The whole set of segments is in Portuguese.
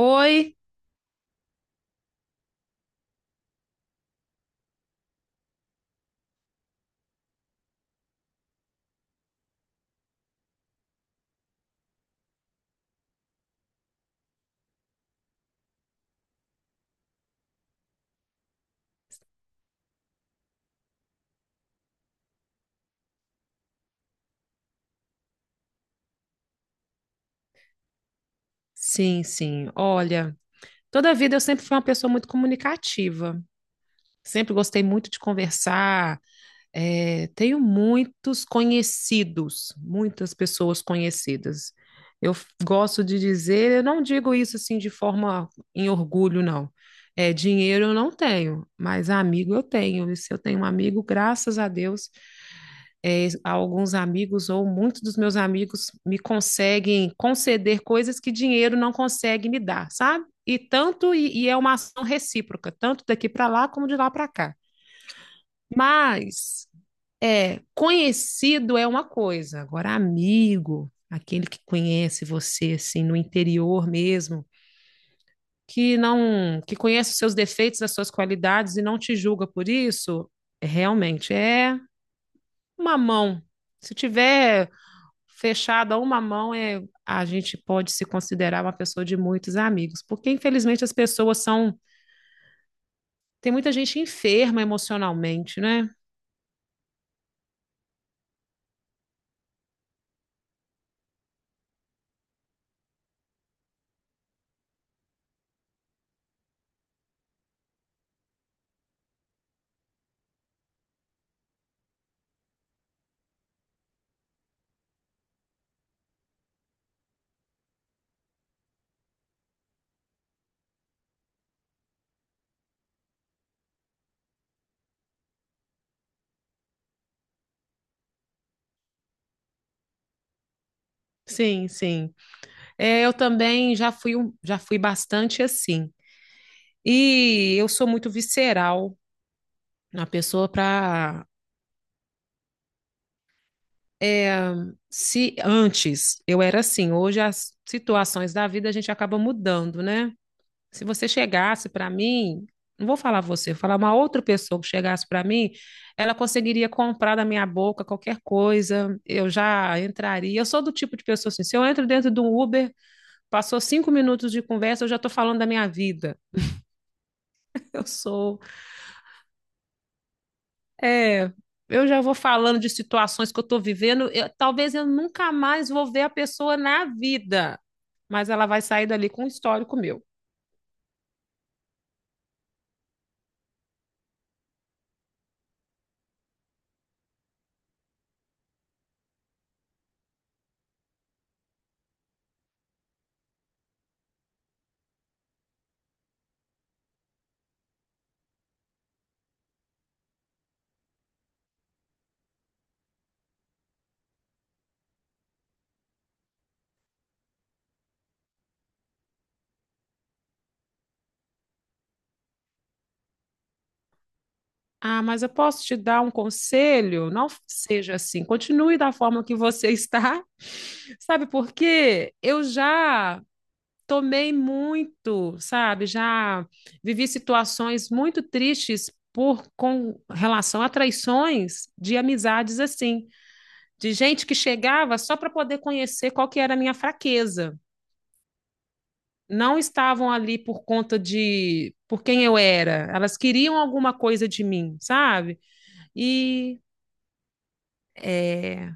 Oi? Sim, sim. Olha, toda a vida eu sempre fui uma pessoa muito comunicativa. Sempre gostei muito de conversar. Tenho muitos conhecidos, muitas pessoas conhecidas. Gosto de dizer, eu não digo isso assim de forma em orgulho, não. É, dinheiro eu não tenho, mas amigo eu tenho. E se eu tenho um amigo, graças a Deus, é, alguns amigos ou muitos dos meus amigos me conseguem conceder coisas que dinheiro não consegue me dar, sabe? E tanto e é uma ação recíproca, tanto daqui para lá como de lá para cá. Mas é, conhecido é uma coisa, agora amigo, aquele que conhece você assim no interior mesmo, que não que conhece os seus defeitos, as suas qualidades e não te julga por isso, realmente é uma mão. Se tiver fechado a uma mão, é, a gente pode se considerar uma pessoa de muitos amigos, porque infelizmente as pessoas são. Tem muita gente enferma emocionalmente, né? Sim, sim. É, eu também já fui, já fui bastante assim. E eu sou muito visceral na pessoa para. Se antes eu era assim, hoje as situações da vida a gente acaba mudando, né? Se você chegasse para mim, não vou falar você, vou falar uma outra pessoa que chegasse para mim, ela conseguiria comprar da minha boca qualquer coisa, eu já entraria. Eu sou do tipo de pessoa assim, se eu entro dentro de um Uber, passou 5 minutos de conversa, eu já estou falando da minha vida. Eu sou, é, eu já vou falando de situações que eu estou vivendo, talvez eu nunca mais vou ver a pessoa na vida, mas ela vai sair dali com um histórico meu. Ah, mas eu posso te dar um conselho? Não seja assim. Continue da forma que você está. Sabe por quê? Eu já tomei muito, sabe? Já vivi situações muito tristes por com relação a traições de amizades assim, de gente que chegava só para poder conhecer qual que era a minha fraqueza. Não estavam ali por conta de por quem eu era. Elas queriam alguma coisa de mim, sabe? E é,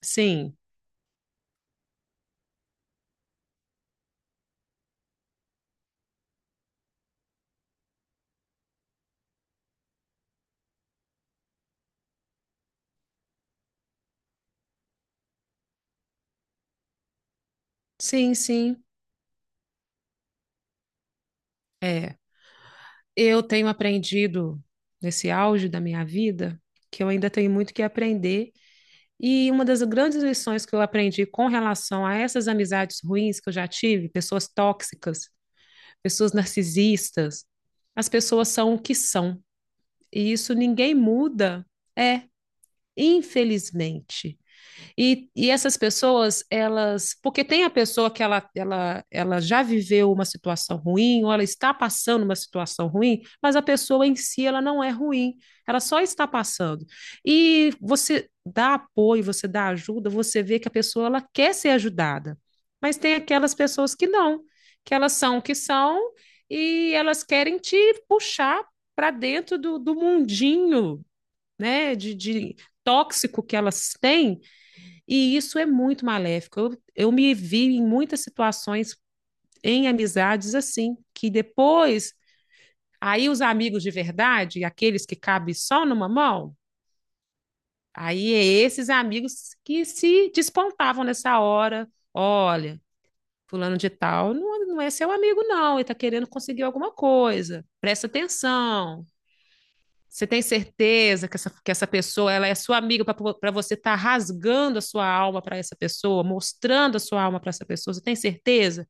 sim, sim, sim. É, eu tenho aprendido nesse auge da minha vida que eu ainda tenho muito que aprender. E uma das grandes lições que eu aprendi com relação a essas amizades ruins que eu já tive, pessoas tóxicas, pessoas narcisistas, as pessoas são o que são. E isso ninguém muda. É, infelizmente. E essas pessoas, elas, porque tem a pessoa que ela já viveu uma situação ruim, ou ela está passando uma situação ruim, mas a pessoa em si, ela não é ruim, ela só está passando. E você dá apoio, você dá ajuda, você vê que a pessoa, ela quer ser ajudada, mas tem aquelas pessoas que não, que elas são o que são, e elas querem te puxar para dentro do mundinho, né, de tóxico que elas têm, e isso é muito maléfico. Eu me vi em muitas situações em amizades assim, que depois, aí os amigos de verdade, aqueles que cabem só numa mão, aí é esses amigos que se despontavam nessa hora. Olha, fulano de tal não, não é seu amigo, não, ele está querendo conseguir alguma coisa. Presta atenção. Você tem certeza que essa pessoa ela é sua amiga para você estar rasgando a sua alma para essa pessoa, mostrando a sua alma para essa pessoa? Você tem certeza?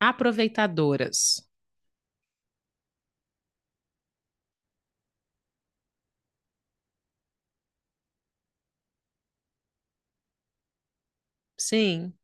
Aproveitadoras. Sim,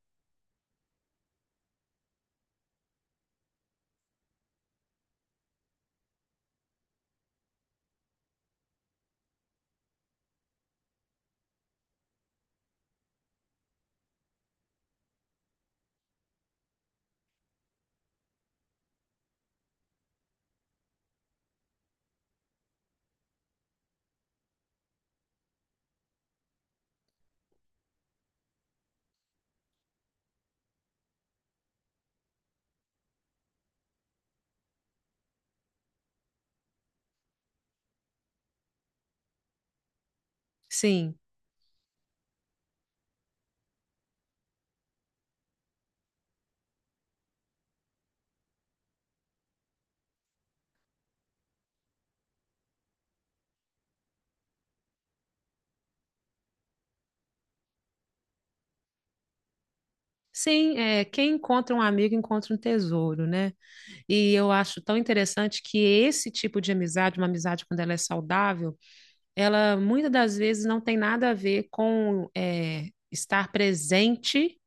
sim. Sim, é, quem encontra um amigo encontra um tesouro, né? E eu acho tão interessante que esse tipo de amizade, uma amizade quando ela é saudável, ela muitas das vezes não tem nada a ver com é, estar presente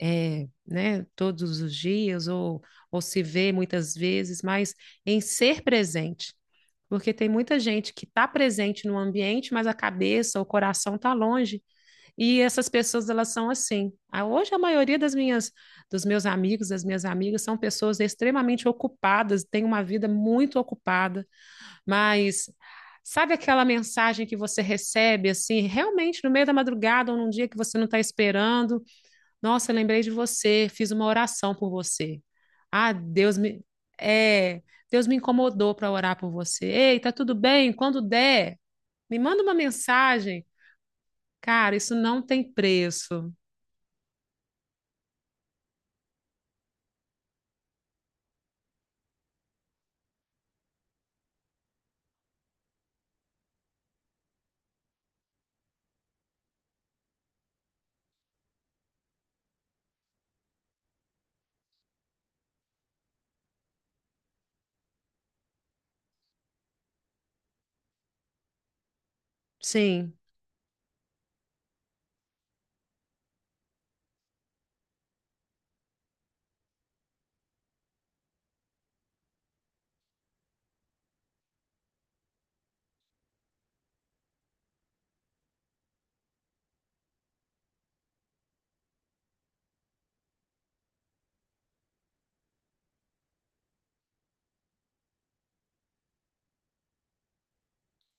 é, né, todos os dias ou se vê muitas vezes, mas em ser presente. Porque tem muita gente que está presente no ambiente, mas a cabeça, o coração está longe. E essas pessoas, elas são assim. Hoje, a maioria das minhas, dos meus amigos, das minhas amigas, são pessoas extremamente ocupadas, têm uma vida muito ocupada. Mas sabe aquela mensagem que você recebe, assim, realmente no meio da madrugada ou num dia que você não está esperando? Nossa, eu lembrei de você, fiz uma oração por você. Ah, Deus me é, Deus me incomodou para orar por você. Ei, tá tudo bem? Quando der, me manda uma mensagem. Cara, isso não tem preço. Sim,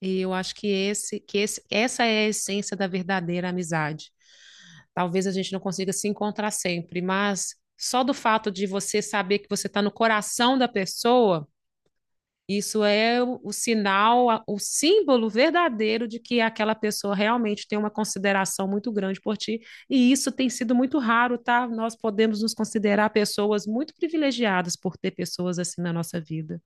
e eu acho que essa é a essência da verdadeira amizade. Talvez a gente não consiga se encontrar sempre, mas só do fato de você saber que você está no coração da pessoa. Isso é o sinal, o símbolo verdadeiro de que aquela pessoa realmente tem uma consideração muito grande por ti. E isso tem sido muito raro, tá? Nós podemos nos considerar pessoas muito privilegiadas por ter pessoas assim na nossa vida.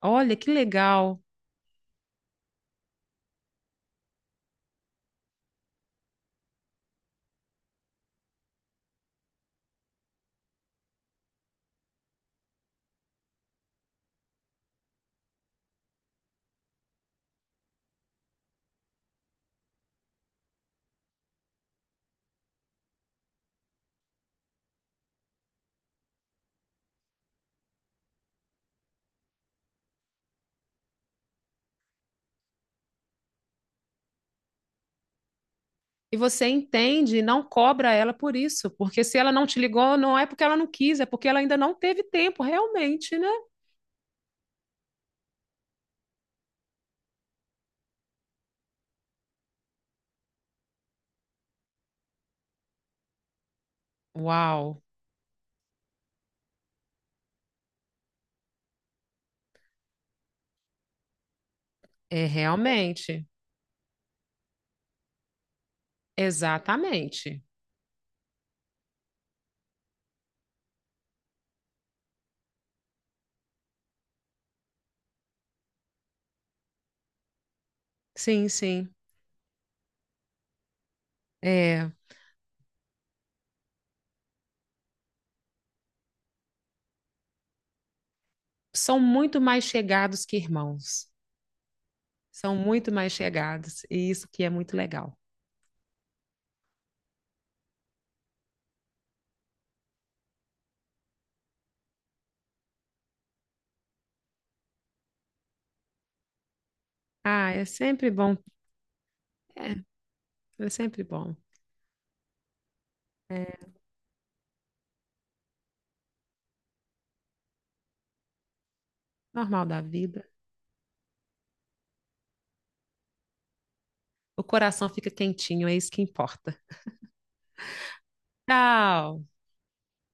Olha, que legal. E você entende e não cobra ela por isso, porque se ela não te ligou, não é porque ela não quis, é porque ela ainda não teve tempo, realmente, né? Uau, é realmente. Exatamente. Sim, sim. É. São muito mais chegados que irmãos. São muito mais chegados. E isso que é muito legal. Ah, é sempre bom. É, é sempre bom. É normal da vida. O coração fica quentinho, é isso que importa. Tchau!